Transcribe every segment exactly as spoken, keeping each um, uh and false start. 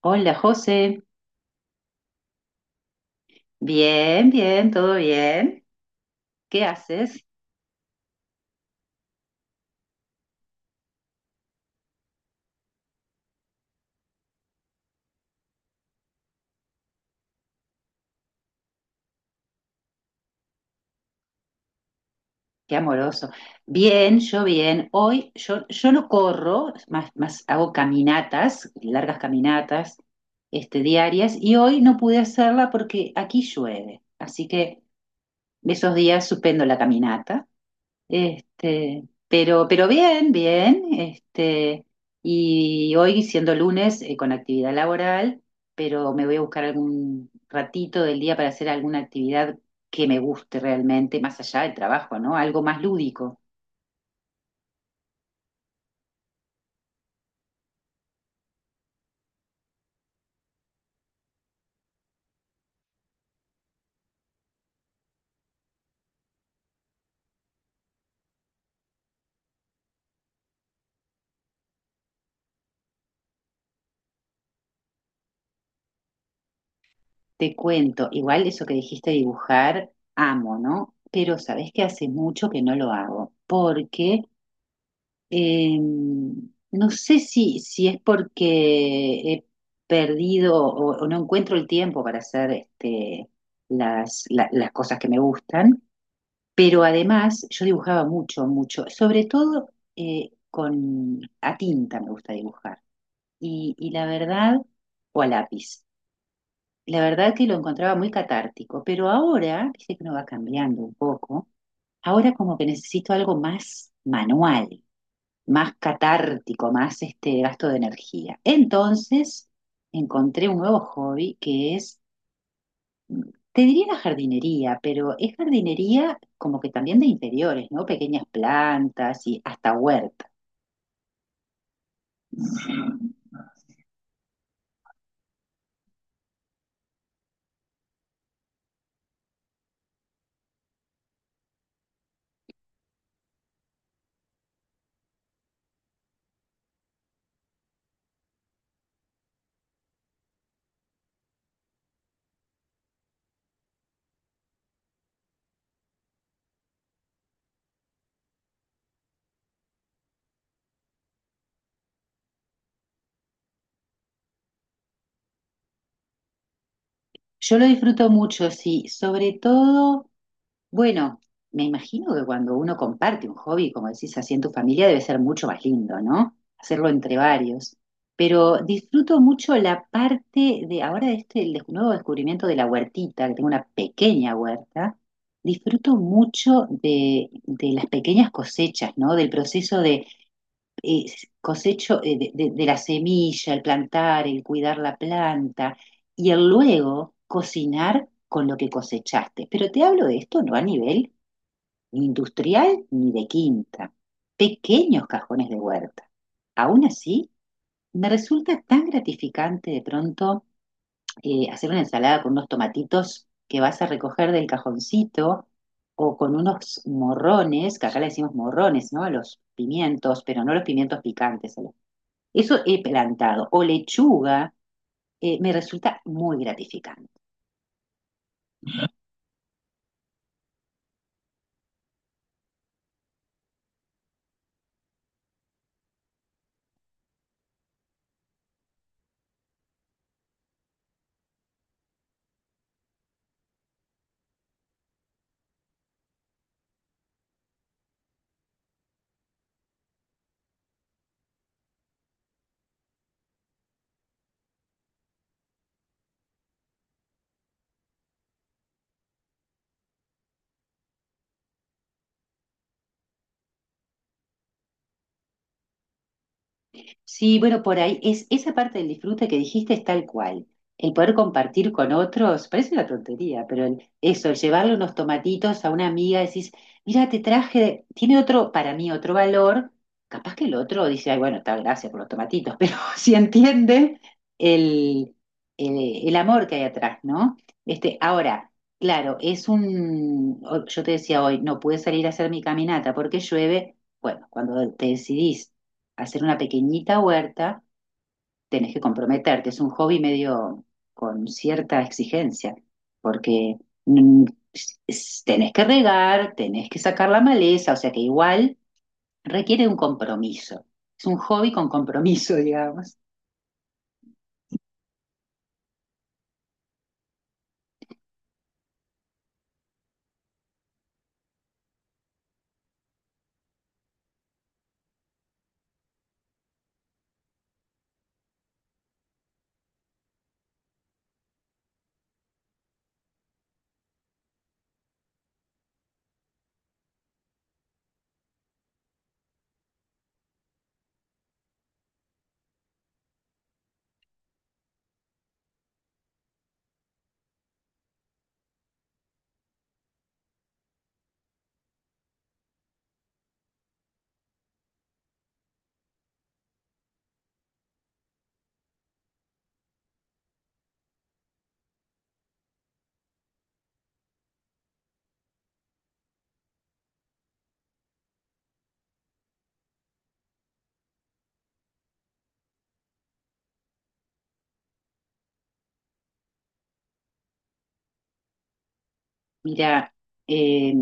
Hola José, bien, bien, todo bien. ¿Qué haces? Qué amoroso. Bien, yo bien. Hoy yo, yo no corro, más, más hago caminatas, largas caminatas, este, diarias, y hoy no pude hacerla porque aquí llueve. Así que esos días suspendo la caminata. Este, pero, pero bien, bien, este, y hoy siendo lunes eh, con actividad laboral, pero me voy a buscar algún ratito del día para hacer alguna actividad que me guste realmente, más allá del trabajo, ¿no? Algo más lúdico. Te cuento, igual eso que dijiste de dibujar, amo, ¿no? Pero sabes que hace mucho que no lo hago, porque Eh, no sé si, si es porque he perdido o, o no encuentro el tiempo para hacer este, las, la- las cosas que me gustan, pero además yo dibujaba mucho, mucho, sobre todo eh, con a tinta me gusta dibujar y, y la verdad, o a lápiz. La verdad que lo encontraba muy catártico, pero ahora, dice que no va cambiando un poco, ahora como que necesito algo más manual, más catártico, más este gasto de energía. Entonces encontré un nuevo hobby que es, te diría, la jardinería, pero es jardinería como que también de interiores, ¿no? Pequeñas plantas y hasta huerta. Yo lo disfruto mucho, sí, sobre todo. Bueno, me imagino que cuando uno comparte un hobby, como decís, así en tu familia, debe ser mucho más lindo, ¿no? Hacerlo entre varios. Pero disfruto mucho la parte de ahora de este el descu- nuevo descubrimiento de la huertita, que tengo una pequeña huerta. Disfruto mucho de, de las pequeñas cosechas, ¿no? Del proceso, eh, cosecho, eh, de, de- de la semilla, el plantar, el cuidar la planta y el luego cocinar con lo que cosechaste. Pero te hablo de esto no a nivel ni industrial ni de quinta, pequeños cajones de huerta. Aún así, me resulta tan gratificante de pronto eh, hacer una ensalada con unos tomatitos que vas a recoger del cajoncito o con unos morrones, que acá le decimos morrones, ¿no? A los pimientos, pero no los pimientos picantes. a los- Eso he plantado. O lechuga, eh, me resulta muy gratificante. Sí, bueno, por ahí es esa parte del disfrute que dijiste, es tal cual. El poder compartir con otros, parece una tontería, pero el- eso, el llevarle unos tomatitos a una amiga, decís, mira, te traje, tiene otro, para mí, otro valor. Capaz que el otro dice, ay, bueno, está, gracias por los tomatitos, pero si entiende el, el, el amor que hay atrás, ¿no? Este, ahora, claro, es un, o- yo te decía hoy, no pude salir a hacer mi caminata porque llueve. Bueno, cuando te decidís hacer una pequeñita huerta, tenés que comprometerte. Es un hobby medio, con cierta exigencia, porque mm, s- tenés que regar, tenés que sacar la maleza, o sea que igual requiere un compromiso. Es un hobby con compromiso, digamos. Mira, eh,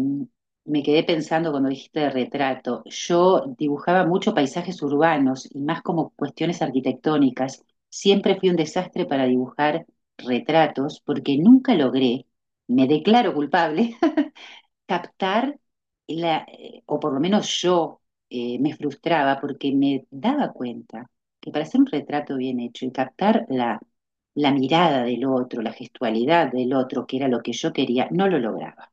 me quedé pensando cuando dijiste de retrato. Yo dibujaba mucho paisajes urbanos y más como cuestiones arquitectónicas. Siempre fui un desastre para dibujar retratos porque nunca logré, me declaro culpable, captar la, eh, o por lo menos yo eh, me frustraba porque me daba cuenta que para hacer un retrato bien hecho y captar la, la mirada del otro, la gestualidad del otro, que era lo que yo quería, no lo lograba.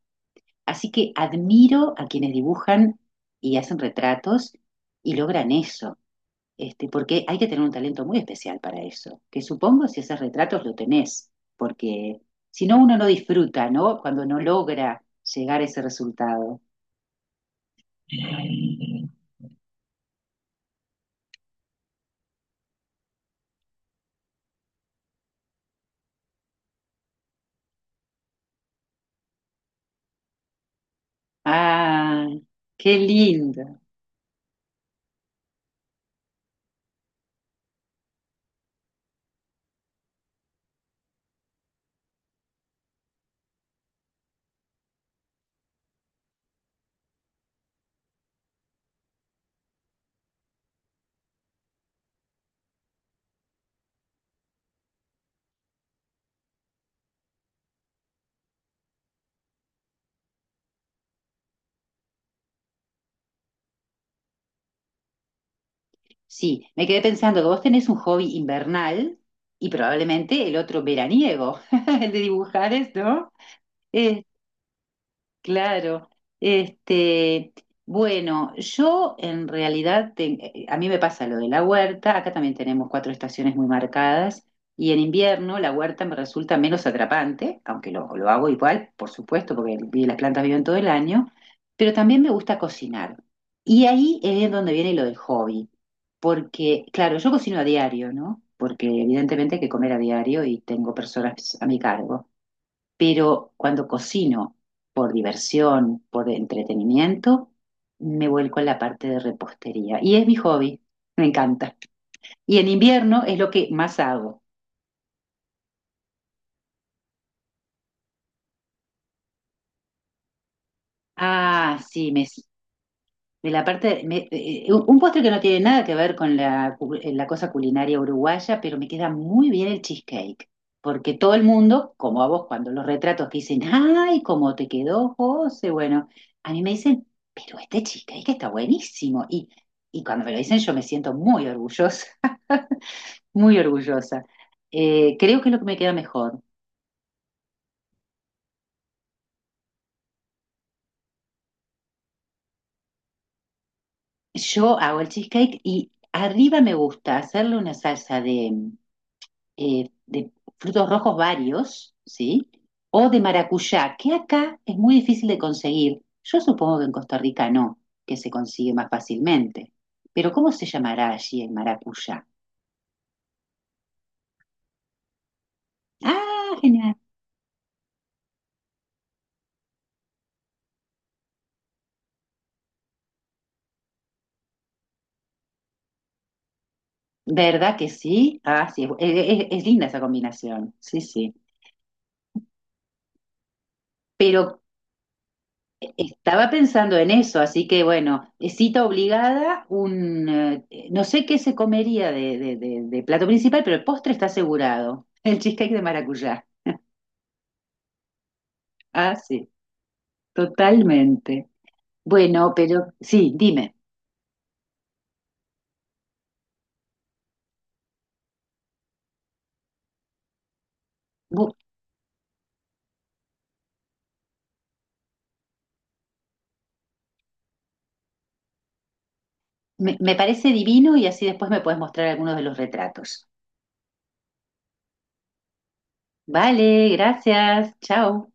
Así que admiro a quienes dibujan y hacen retratos y logran eso, este, porque hay que tener un talento muy especial para eso, que supongo, si haces retratos lo tenés, porque si no uno no disfruta, ¿no? Cuando no logra llegar a ese resultado. Ah, qué lindo. Sí, me quedé pensando que vos tenés un hobby invernal y probablemente el otro veraniego, el de dibujar, ¿no? Claro, este, bueno, yo en realidad, te- eh, a mí me pasa lo de la huerta. Acá también tenemos cuatro estaciones muy marcadas y en invierno la huerta me resulta menos atrapante, aunque lo, lo hago igual, por supuesto, porque vi- las plantas viven todo el año, pero también me gusta cocinar. Y ahí es donde viene lo del hobby, porque claro, yo cocino a diario, ¿no? Porque evidentemente hay que comer a diario y tengo personas a mi cargo. Pero cuando cocino por diversión, por entretenimiento, me vuelco a la parte de repostería. Y es mi hobby, me encanta. Y en invierno es lo que más hago. Ah, sí, me, de la parte, me- eh, un un postre que no tiene nada que ver con la, cu- eh, la cosa culinaria uruguaya, pero me queda muy bien el cheesecake, porque todo el mundo, como a vos cuando los retratos, que dicen, ay, cómo te quedó, José, bueno, a mí me dicen, pero este cheesecake está buenísimo, y, y cuando me lo dicen yo me siento muy orgullosa, muy orgullosa. Eh, creo que es lo que me queda mejor. Yo hago el cheesecake y arriba me gusta hacerle una salsa de, eh, de frutos rojos varios, ¿sí? O de maracuyá, que acá es muy difícil de conseguir. Yo supongo que en Costa Rica no, que se consigue más fácilmente. Pero ¿cómo se llamará allí el maracuyá? Ah, genial. ¿Verdad que sí? Ah, sí, es, es- es linda esa combinación. Sí, sí. Pero estaba pensando en eso, así que bueno, cita obligada, un eh, no sé qué se comería de, de- de- de plato principal, pero el postre está asegurado. El cheesecake de maracuyá. Ah, sí, totalmente. Bueno, pero sí, dime. Bu- Me, me parece divino y así después me puedes mostrar algunos de los retratos. Vale, gracias. Chao.